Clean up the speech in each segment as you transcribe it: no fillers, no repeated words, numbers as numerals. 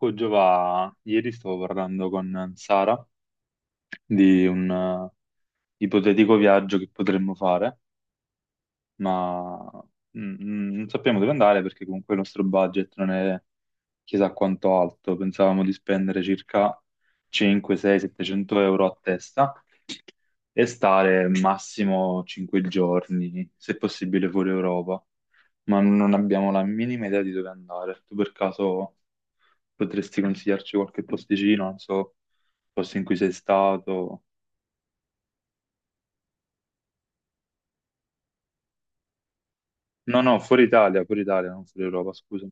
Oh, Giova, ieri stavo parlando con Sara di un ipotetico viaggio che potremmo fare, ma non sappiamo dove andare perché comunque il nostro budget non è chissà quanto alto. Pensavamo di spendere circa 5, 6, 700 euro a testa e stare massimo 5 giorni, se possibile fuori Europa, ma non abbiamo la minima idea di dove andare. Tu per caso potresti consigliarci qualche posticino, non so, posto in cui sei stato? No, no, fuori Italia, non fuori Europa, scusa.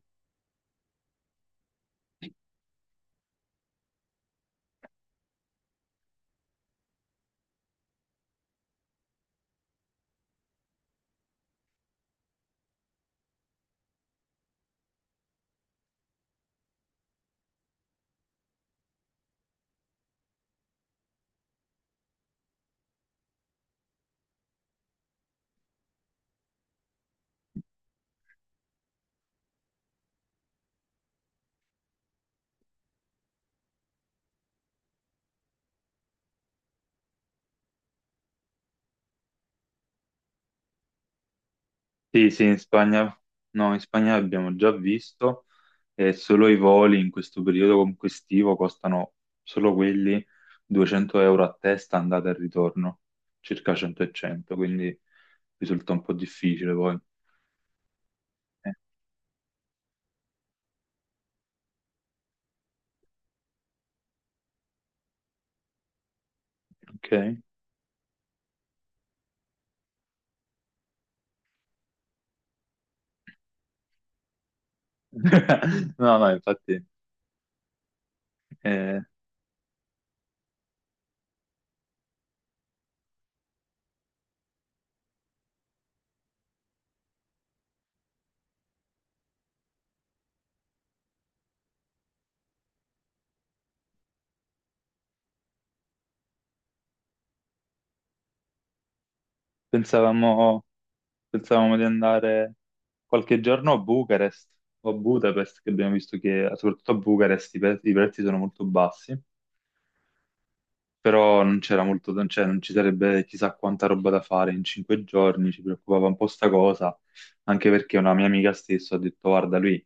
Sì, sì, in Spagna, no, in Spagna abbiamo già visto e solo i voli in questo periodo comunque estivo costano, solo quelli, 200 euro a testa andata e ritorno, circa 100 e 100, quindi risulta un po' difficile poi. Eh, ok. No, no, infatti eh, pensavamo, di andare qualche giorno a Bucarest o a Budapest, che abbiamo visto che soprattutto a Bucarest i prezzi sono molto bassi, però non c'era molto, cioè non ci sarebbe chissà quanta roba da fare in 5 giorni. Ci preoccupava un po' sta cosa, anche perché una mia amica stessa ha detto: "Guarda lui,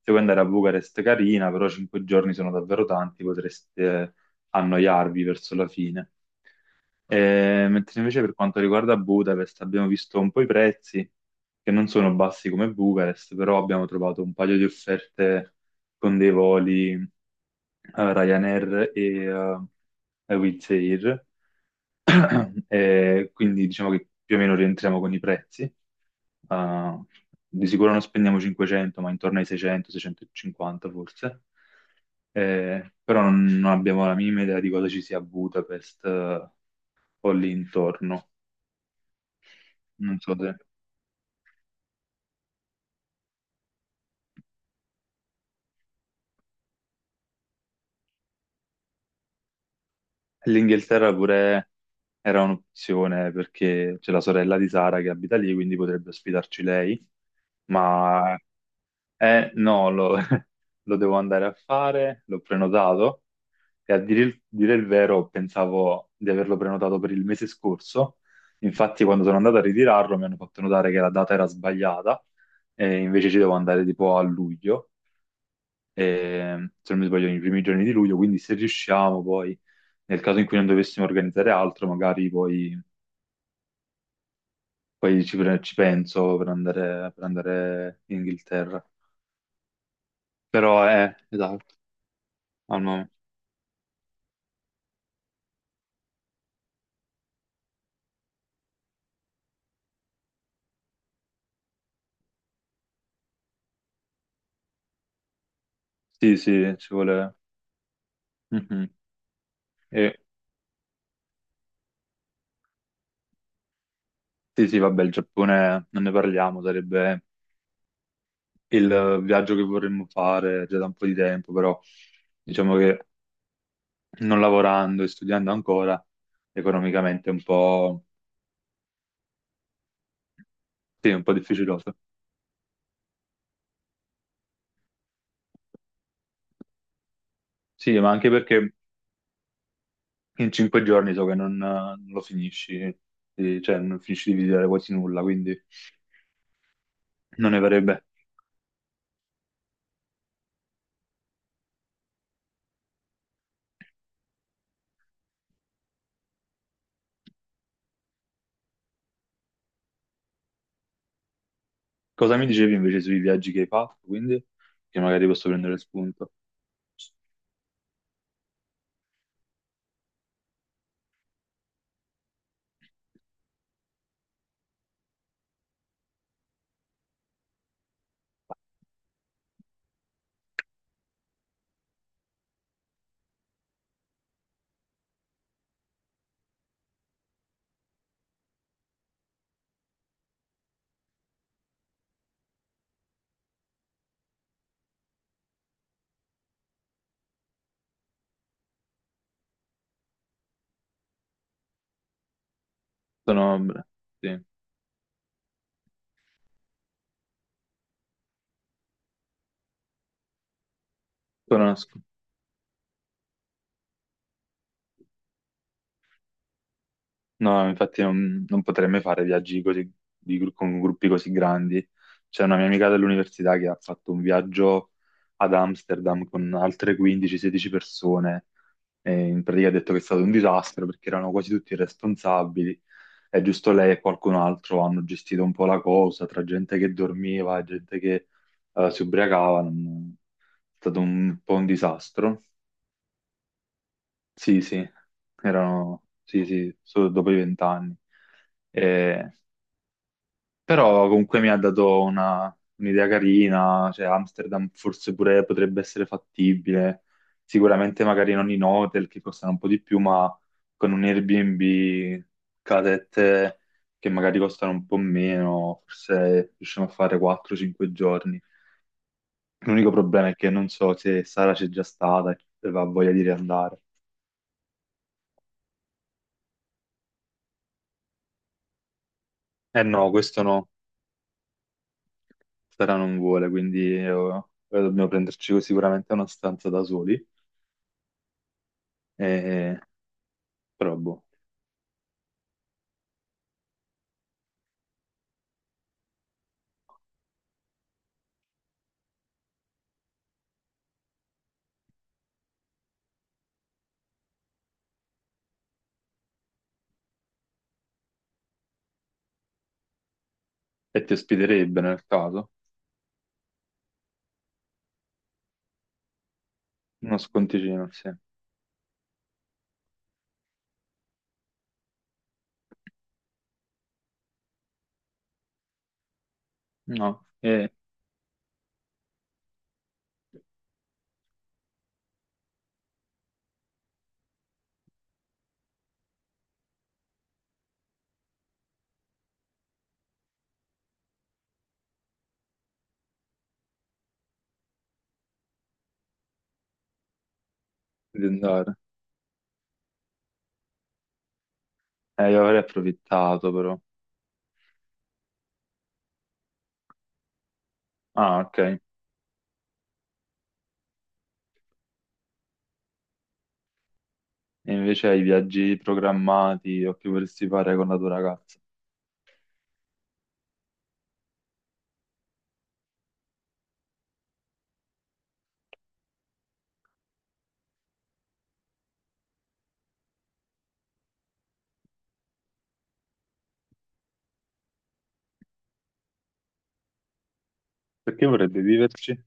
se vuoi andare a Bucarest carina, però 5 giorni sono davvero tanti, potreste annoiarvi verso la fine." Mentre invece per quanto riguarda Budapest abbiamo visto un po' i prezzi, che non sono bassi come Bucarest, però abbiamo trovato un paio di offerte con dei voli Ryanair e Wizz Air. Quindi diciamo che più o meno rientriamo con i prezzi. Eh, di sicuro non spendiamo 500, ma intorno ai 600, 650 forse. Però non abbiamo la minima idea di cosa ci sia a Budapest, o lì intorno, non so se... L'Inghilterra pure era un'opzione perché c'è la sorella di Sara che abita lì, quindi potrebbe ospitarci lei, ma no, lo, lo devo andare a fare, l'ho prenotato, e a dire il vero pensavo di averlo prenotato per il mese scorso. Infatti quando sono andato a ritirarlo mi hanno fatto notare che la data era sbagliata, e invece ci devo andare tipo a luglio, e, se non mi sbaglio, nei primi giorni di luglio, quindi se riusciamo poi... Nel caso in cui non dovessimo organizzare altro, magari poi ci penso, per andare in Inghilterra. Però è, esatto, al momento. Sì, sì, ci vuole... Mhm. E sì, sì, vabbè, il Giappone non ne parliamo, sarebbe il viaggio che vorremmo fare già da un po' di tempo, però diciamo che, non lavorando e studiando ancora, economicamente è un po', sì, un po' difficiloso. Sì, ma anche perché in 5 giorni so che non lo finisci, cioè non finisci di visitare quasi nulla, quindi non ne farebbe. Cosa mi dicevi invece sui viaggi che hai fatto, quindi? Che magari posso prendere spunto. Sono, sì, sono- no, infatti non potrei mai fare viaggi così, con gruppi così grandi. C'è una mia amica dell'università che ha fatto un viaggio ad Amsterdam con altre 15-16 persone, e in pratica ha detto che è stato un disastro perché erano quasi tutti irresponsabili. È giusto lei e qualcun altro hanno gestito un po' la cosa, tra gente che dormiva e gente che, si ubriacava, è stato un po' un disastro. Sì, sì, erano, sì, sì, solo dopo i 20 anni. Però comunque mi ha dato un'idea carina, cioè Amsterdam forse pure potrebbe essere fattibile, sicuramente magari non in hotel, che costano un po' di più, ma con un Airbnb, casette che magari costano un po' meno, forse riusciamo a fare 4-5 giorni. L'unico problema è che non so se Sara c'è già stata e ha voglia di riandare. Eh no, questo no, Sara non vuole, quindi dobbiamo prenderci sicuramente una stanza da soli. Eh, Però boh. E ti ospiterebbe nel caso? Uno sconticino, sì. No, e di andare. Io avrei approfittato però. Ah, ok. E invece hai viaggi programmati o che vorresti fare con la tua ragazza? Perché vorrebbe viverci?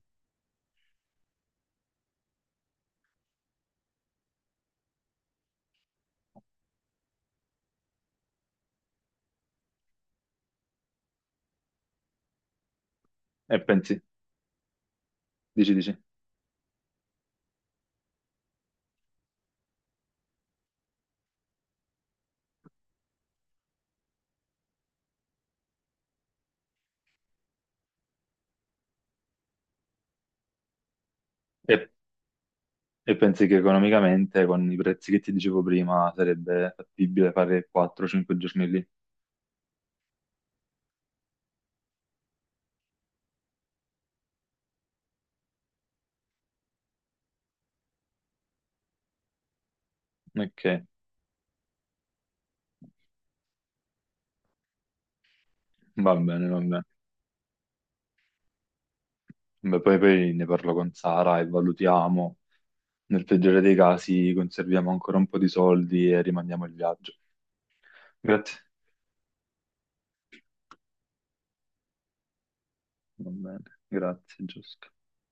E pensi, dici, dici. E, e pensi che economicamente, con i prezzi che ti dicevo prima, sarebbe fattibile fare 4-5 giorni lì? Ok, va bene, va bene. Beh, poi ne parlo con Sara e valutiamo. Nel peggiore dei casi conserviamo ancora un po' di soldi e rimandiamo il viaggio. Grazie. Va bene, grazie, Giusto.